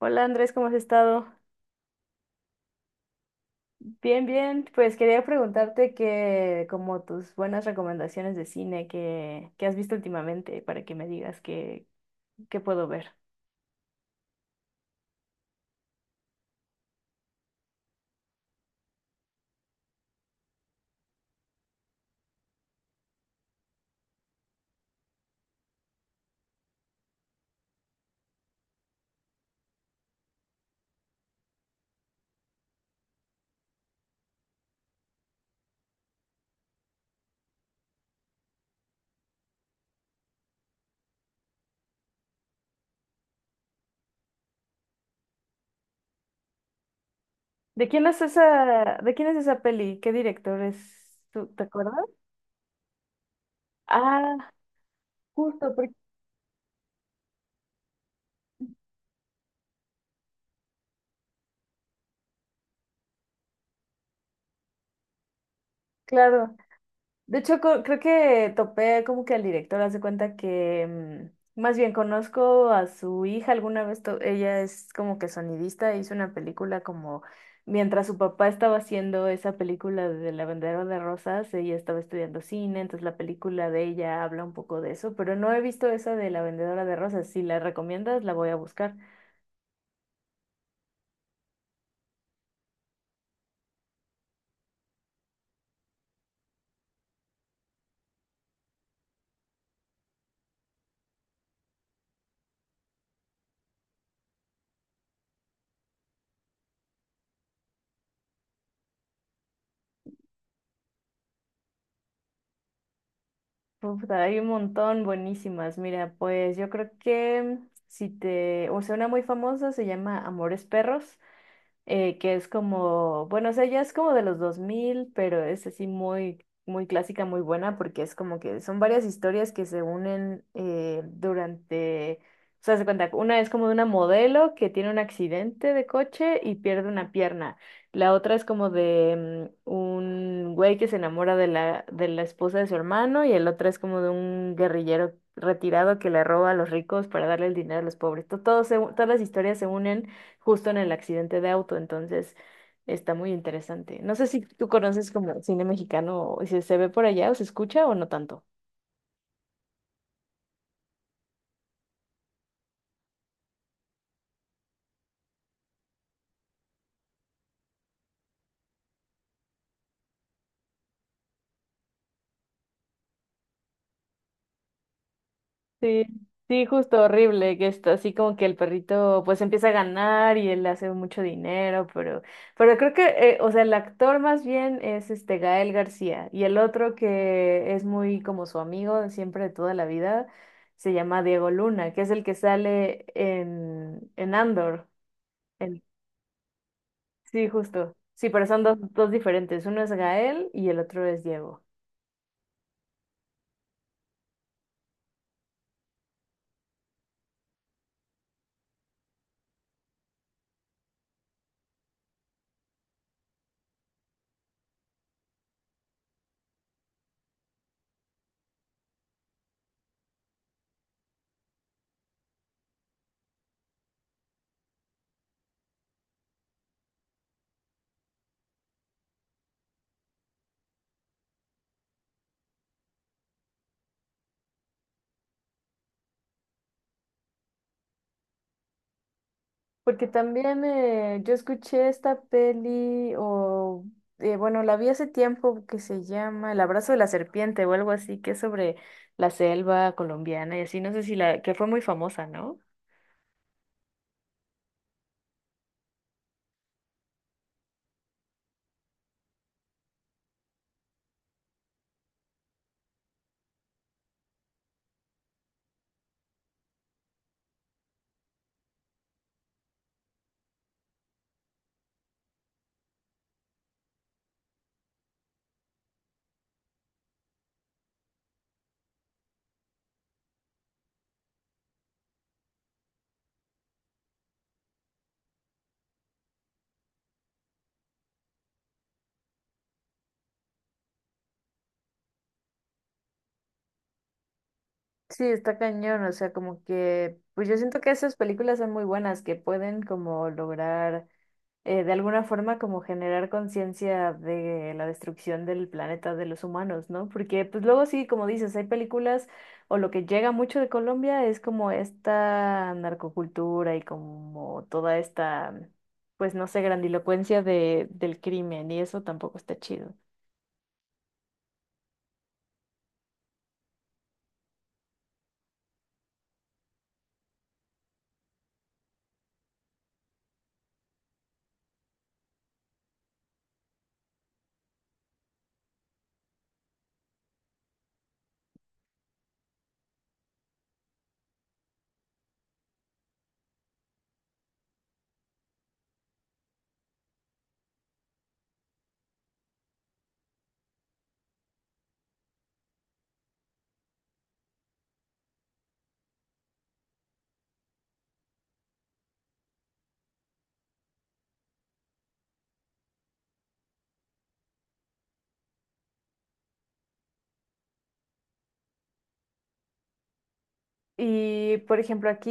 Hola Andrés, ¿cómo has estado? Bien, bien. Pues quería preguntarte como tus buenas recomendaciones de cine que has visto últimamente para que me digas qué puedo ver. ¿De quién es esa, de quién es esa peli? ¿Qué director es? ¿Tú te acuerdas? Ah, justo, porque, claro. De hecho, creo que topé como que al director hace cuenta que más bien conozco a su hija alguna vez, ella es como que sonidista, hizo una película como mientras su papá estaba haciendo esa película de La Vendedora de Rosas, ella estaba estudiando cine, entonces la película de ella habla un poco de eso, pero no he visto esa de La Vendedora de Rosas, si la recomiendas la voy a buscar. Puta, hay un montón buenísimas. Mira, pues yo creo que si te, o sea, una muy famosa se llama Amores Perros. Que es como, bueno, o sea, ya es como de los dos mil, pero es así muy, muy clásica, muy buena, porque es como que son varias historias que se unen durante, o sea, se cuenta, una es como de una modelo que tiene un accidente de coche y pierde una pierna, la otra es como de un güey que se enamora de la esposa de su hermano, y el otro es como de un guerrillero retirado que le roba a los ricos para darle el dinero a los pobres. Todas las historias se unen justo en el accidente de auto, entonces está muy interesante. No sé si tú conoces como cine mexicano, o si se ve por allá o se escucha o no tanto. Sí, sí, justo horrible, que está así como que el perrito pues empieza a ganar y él hace mucho dinero, pero creo que, o sea, el actor más bien es este Gael García, y el otro que es muy como su amigo de siempre de toda la vida se llama Diego Luna, que es el que sale en Andor. Sí, justo. Sí, pero son dos, dos diferentes. Uno es Gael y el otro es Diego. Porque también yo escuché esta peli, o bueno, la vi hace tiempo, que se llama El abrazo de la serpiente o algo así, que es sobre la selva colombiana y así, no sé si la, que fue muy famosa, ¿no? Sí, está cañón, o sea, como que, pues yo siento que esas películas son muy buenas, que pueden como lograr de alguna forma como generar conciencia de la destrucción del planeta de los humanos, ¿no? Porque pues luego sí, como dices, hay películas o lo que llega mucho de Colombia es como esta narcocultura y como toda esta, pues no sé, grandilocuencia de, del crimen, y eso tampoco está chido. Y por ejemplo, aquí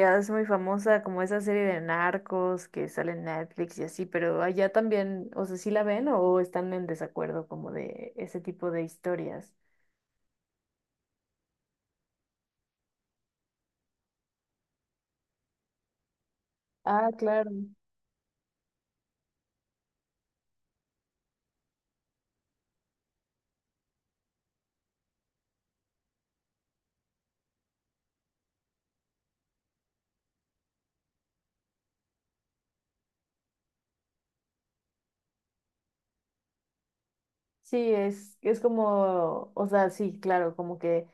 es muy famosa como esa serie de narcos que sale en Netflix y así, pero allá también, o sea, ¿sí la ven o están en desacuerdo como de ese tipo de historias? Ah, claro. Sí, es como, o sea, sí, claro, como que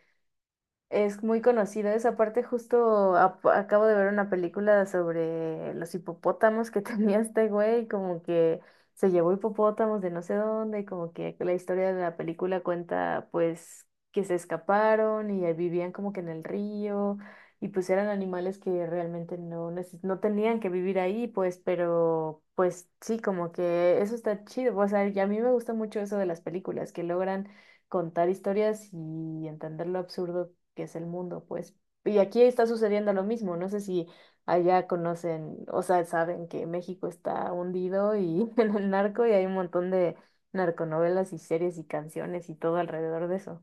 es muy conocido esa parte, justo acabo de ver una película sobre los hipopótamos que tenía este güey, como que se llevó hipopótamos de no sé dónde, y como que la historia de la película cuenta pues que se escaparon y ahí vivían como que en el río, y pues eran animales que realmente no, no tenían que vivir ahí, pues, pero pues sí, como que eso está chido, o sea, y a mí me gusta mucho eso de las películas, que logran contar historias y entender lo absurdo que es el mundo, pues. Y aquí está sucediendo lo mismo, no sé si allá conocen, o sea, saben que México está hundido y en el narco, y hay un montón de narconovelas y series y canciones y todo alrededor de eso.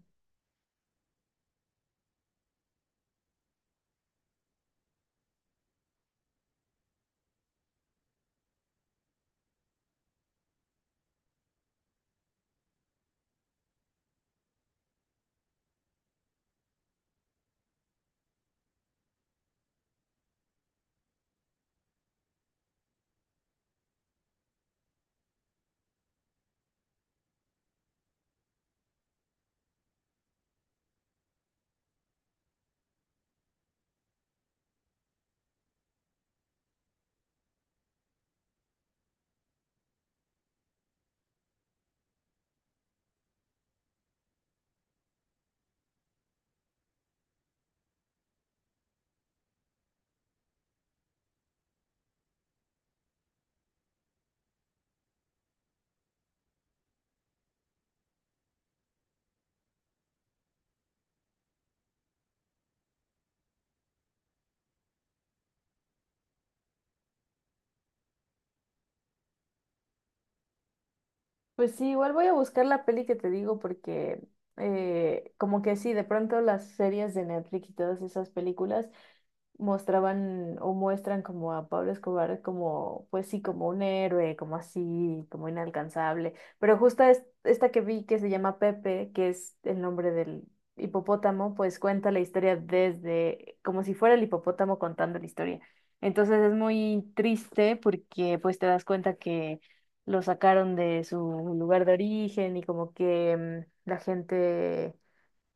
Pues sí, igual voy a buscar la peli que te digo, porque como que sí, de pronto las series de Netflix y todas esas películas mostraban o muestran como a Pablo Escobar como, pues sí, como un héroe, como así, como inalcanzable. Pero justo esta que vi que se llama Pepe, que es el nombre del hipopótamo, pues cuenta la historia desde, como si fuera el hipopótamo contando la historia. Entonces es muy triste, porque pues te das cuenta que lo sacaron de su lugar de origen, y como que la gente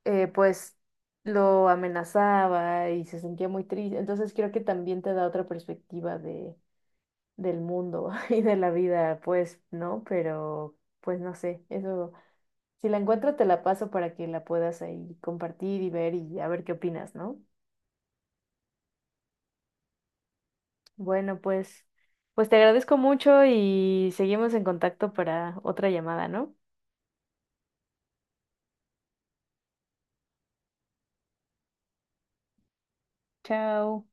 pues lo amenazaba y se sentía muy triste. Entonces creo que también te da otra perspectiva de, del mundo y de la vida, pues, ¿no? Pero pues no sé, eso, si la encuentro te la paso para que la puedas ahí compartir y ver, y a ver qué opinas, ¿no? Bueno, pues, pues te agradezco mucho y seguimos en contacto para otra llamada, ¿no? Chao.